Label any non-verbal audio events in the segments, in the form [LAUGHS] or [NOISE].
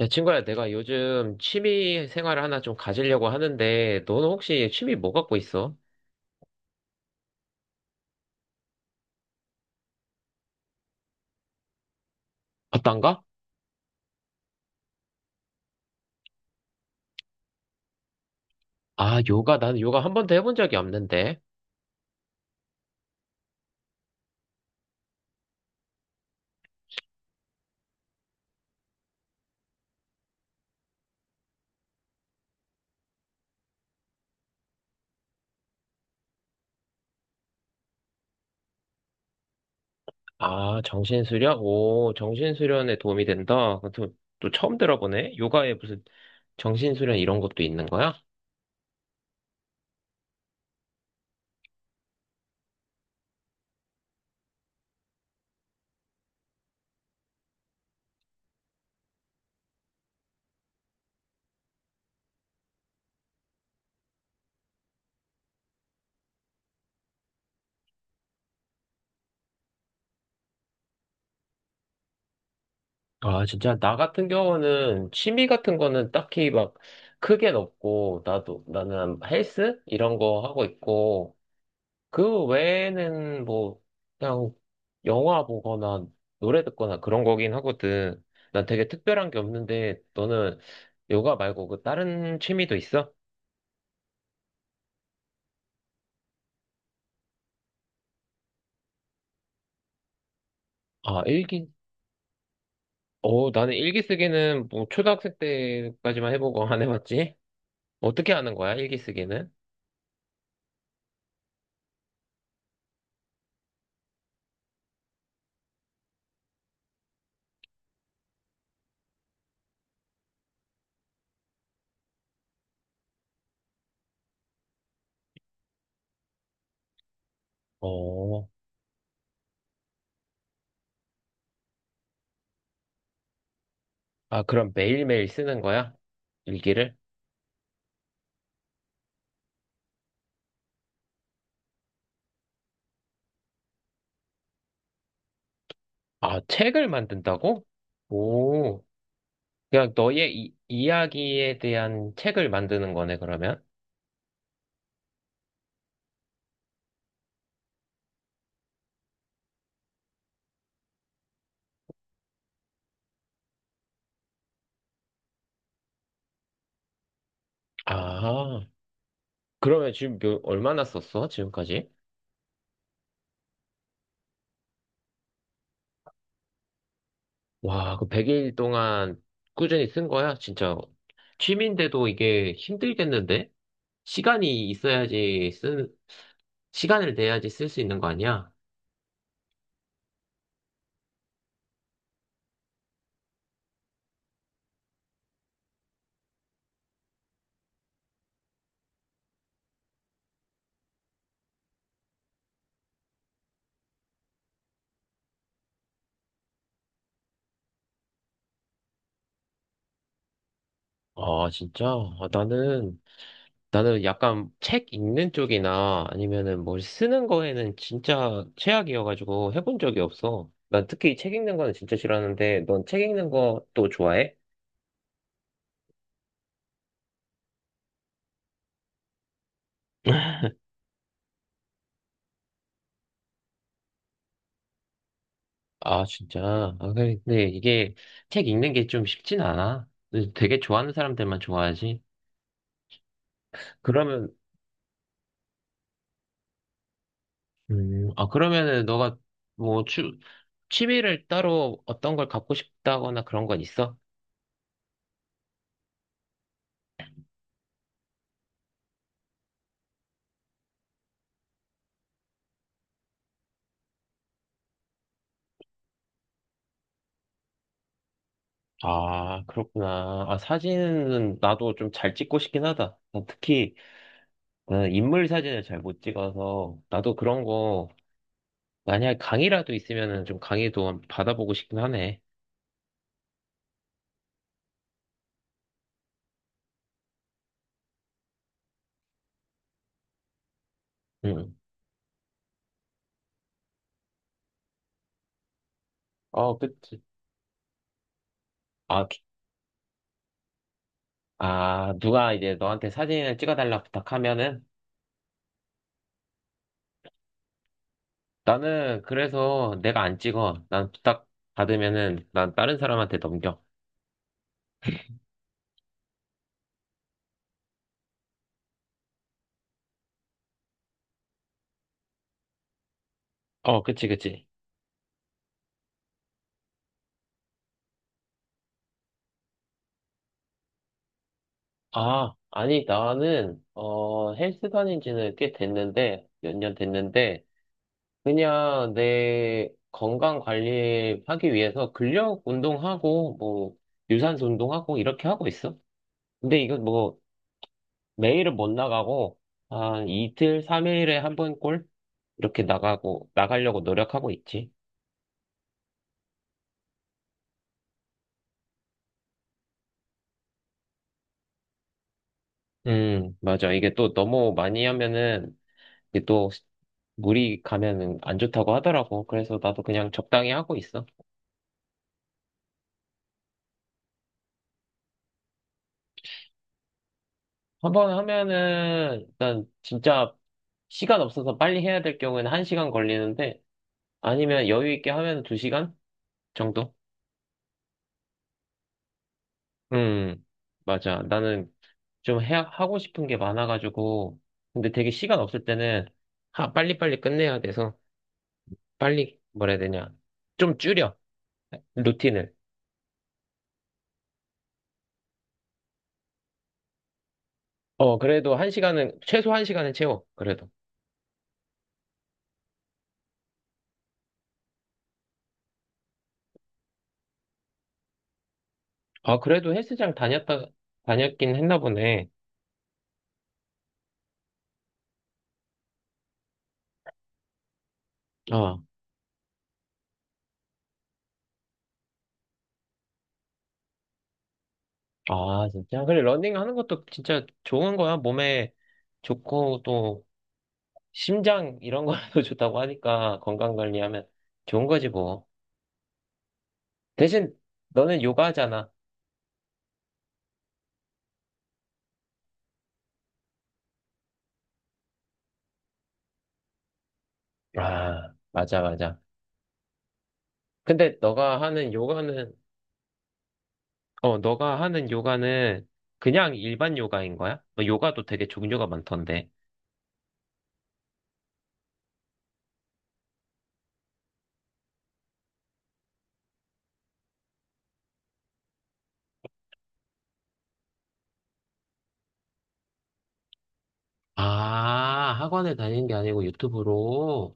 야, 친구야, 내가 요즘 취미 생활을 하나 좀 가지려고 하는데, 너는 혹시 취미 뭐 갖고 있어? 어떤가? 아, 요가. 나는 요가 한 번도 해본 적이 없는데. 아, 정신수련? 오, 정신수련에 도움이 된다. 또 처음 들어보네? 요가에 무슨 정신수련 이런 것도 있는 거야? 아, 진짜. 나 같은 경우는 취미 같은 거는 딱히 막 크게는 없고, 나는 헬스? 이런 거 하고 있고, 그 외에는 뭐, 그냥 영화 보거나 노래 듣거나 그런 거긴 하거든. 난 되게 특별한 게 없는데, 너는 요가 말고 그 다른 취미도 있어? 아, 일기. 어, 나는 일기 쓰기는 뭐 초등학생 때까지만 해보고 안 해봤지? 어떻게 하는 거야, 일기 쓰기는? 어, 아, 그럼 매일매일 쓰는 거야? 일기를? 아, 책을 만든다고? 오, 그냥 너의 이야기에 대한 책을 만드는 거네, 그러면? 아. 그러면 지금 얼마나 썼어? 지금까지? 와, 그 100일 동안 꾸준히 쓴 거야? 진짜. 취미인데도 이게 힘들겠는데? 시간이 있어야지 시간을 내야지 쓸 수 있는 거 아니야? 아, 진짜? 아, 나는 약간 책 읽는 쪽이나 아니면은 뭘 쓰는 거에는 진짜 최악이어가지고 해본 적이 없어. 난 특히 책 읽는 거는 진짜 싫어하는데, 넌 책 읽는 것도 좋아해? 아, 진짜. 아, 근데 이게 책 읽는 게 좀 쉽진 않아. 근데 되게 좋아하는 사람들만 좋아하지. 그러면, 아, 그러면은 너가 뭐 취미를 따로 어떤 걸 갖고 싶다거나 그런 건 있어? 아, 그렇구나. 아, 사진은 나도 좀 잘 찍고 싶긴 하다. 난 특히 나는 인물 사진을 잘 못 찍어서 나도 그런 거 만약에 강의라도 있으면은 좀 강의도 받아보고 싶긴 하네. 응. 어, 그치. 아, 아, 누가 이제 너한테 사진을 찍어달라 부탁하면은 나는 그래서 내가 안 찍어. 난 부탁 받으면은 난 다른 사람한테 넘겨. 어, 그치, 그치. 아, 아니, 나는, 헬스 다닌 지는 꽤 됐는데, 몇 년 됐는데, 그냥 내 건강 관리하기 위해서 근력 운동하고, 뭐, 유산소 운동하고, 이렇게 하고 있어. 근데 이거 뭐, 매일은 못 나가고, 한 이틀, 삼일에 한 번 꼴? 이렇게 나가려고 노력하고 있지. 맞아. 이게 또 너무 많이 하면은, 이게 또 물이 가면은 안 좋다고 하더라고. 그래서 나도 그냥 적당히 하고 있어. 한번 하면은, 일단 진짜 시간 없어서 빨리 해야 될 경우에는 1시간 걸리는데, 아니면 여유 있게 하면 2시간 정도? 음, 맞아. 나는 좀 하고 싶은 게 많아가지고, 근데 되게 시간 없을 때는, 빨리빨리 끝내야 돼서, 빨리, 뭐라 해야 되냐. 좀 줄여, 루틴을. 어, 그래도 1시간은, 최소 1시간은 채워, 그래도. 아, 그래도 헬스장 다녔긴 했나 보네. 어, 아, 진짜. 그래, 러닝 하는 것도 진짜 좋은 거야. 몸에 좋고, 또, 심장, 이런 거도 [LAUGHS] 좋다고 하니까, 건강 관리하면 좋은 거지, 뭐. 대신 너는 요가잖아. 아, 맞아, 맞아. 근데 너가 하는 요가는 그냥 일반 요가인 거야? 너 요가도 되게 종류가 많던데. 아, 학원을 다니는 게 아니고 유튜브로.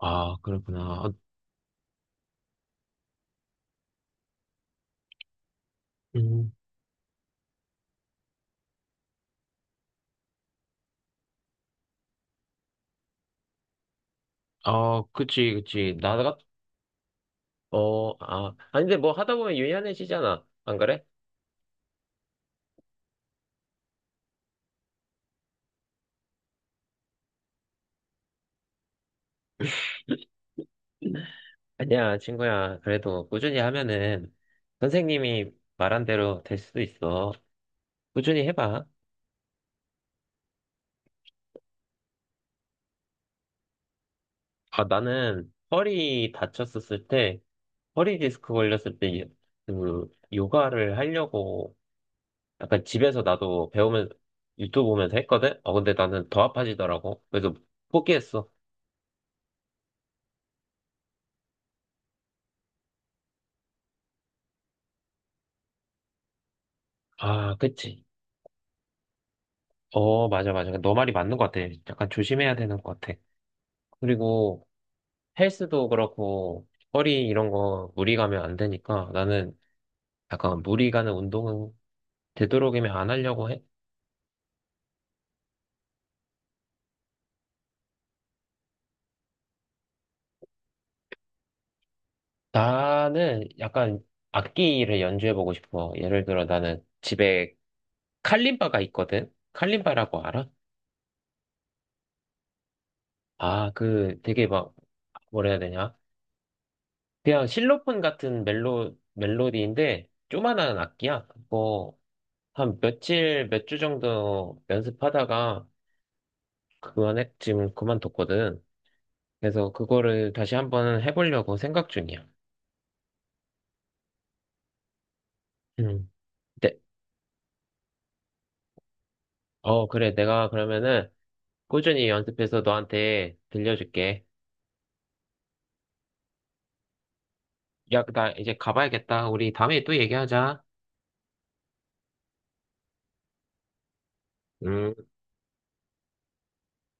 아, 그렇구나. 어, 음, 어, 그치, 그치. 아, 아니, 근데 뭐 하다 보면 유연해지잖아. 안 그래? 아니야, 친구야. 그래도 꾸준히 하면은 선생님이 말한 대로 될 수도 있어. 꾸준히 해봐. 아, 나는 허리 다쳤었을 때, 허리 디스크 걸렸을 때, 그, 요가를 하려고, 약간 집에서 나도 배우면서, 유튜브 보면서 했거든? 어, 근데 나는 더 아파지더라고. 그래서 포기했어. 아, 그치. 어, 맞아, 맞아. 너 말이 맞는 것 같아. 약간 조심해야 되는 것 같아. 그리고 헬스도 그렇고, 허리 이런 거 무리 가면 안 되니까, 나는 약간 무리 가는 운동은 되도록이면 안 하려고 해. 나는 약간 악기를 연주해보고 싶어. 예를 들어 나는 집에 칼림바가 있거든? 칼림바라고 알아? 아, 그 되게 막, 뭐라 해야 되냐? 그냥 실로폰 같은 멜로디인데, 조만한 악기야. 그거 한 며칠, 몇 주 정도 연습하다가 그만에 지금 그만뒀거든. 그래서 그거를 다시 한번 해보려고 생각 중이야. 음. 네. 어, 그래. 내가 그러면은 꾸준히 연습해서 너한테 들려줄게. 야, 나 이제 가봐야겠다. 우리 다음에 또 얘기하자. 음.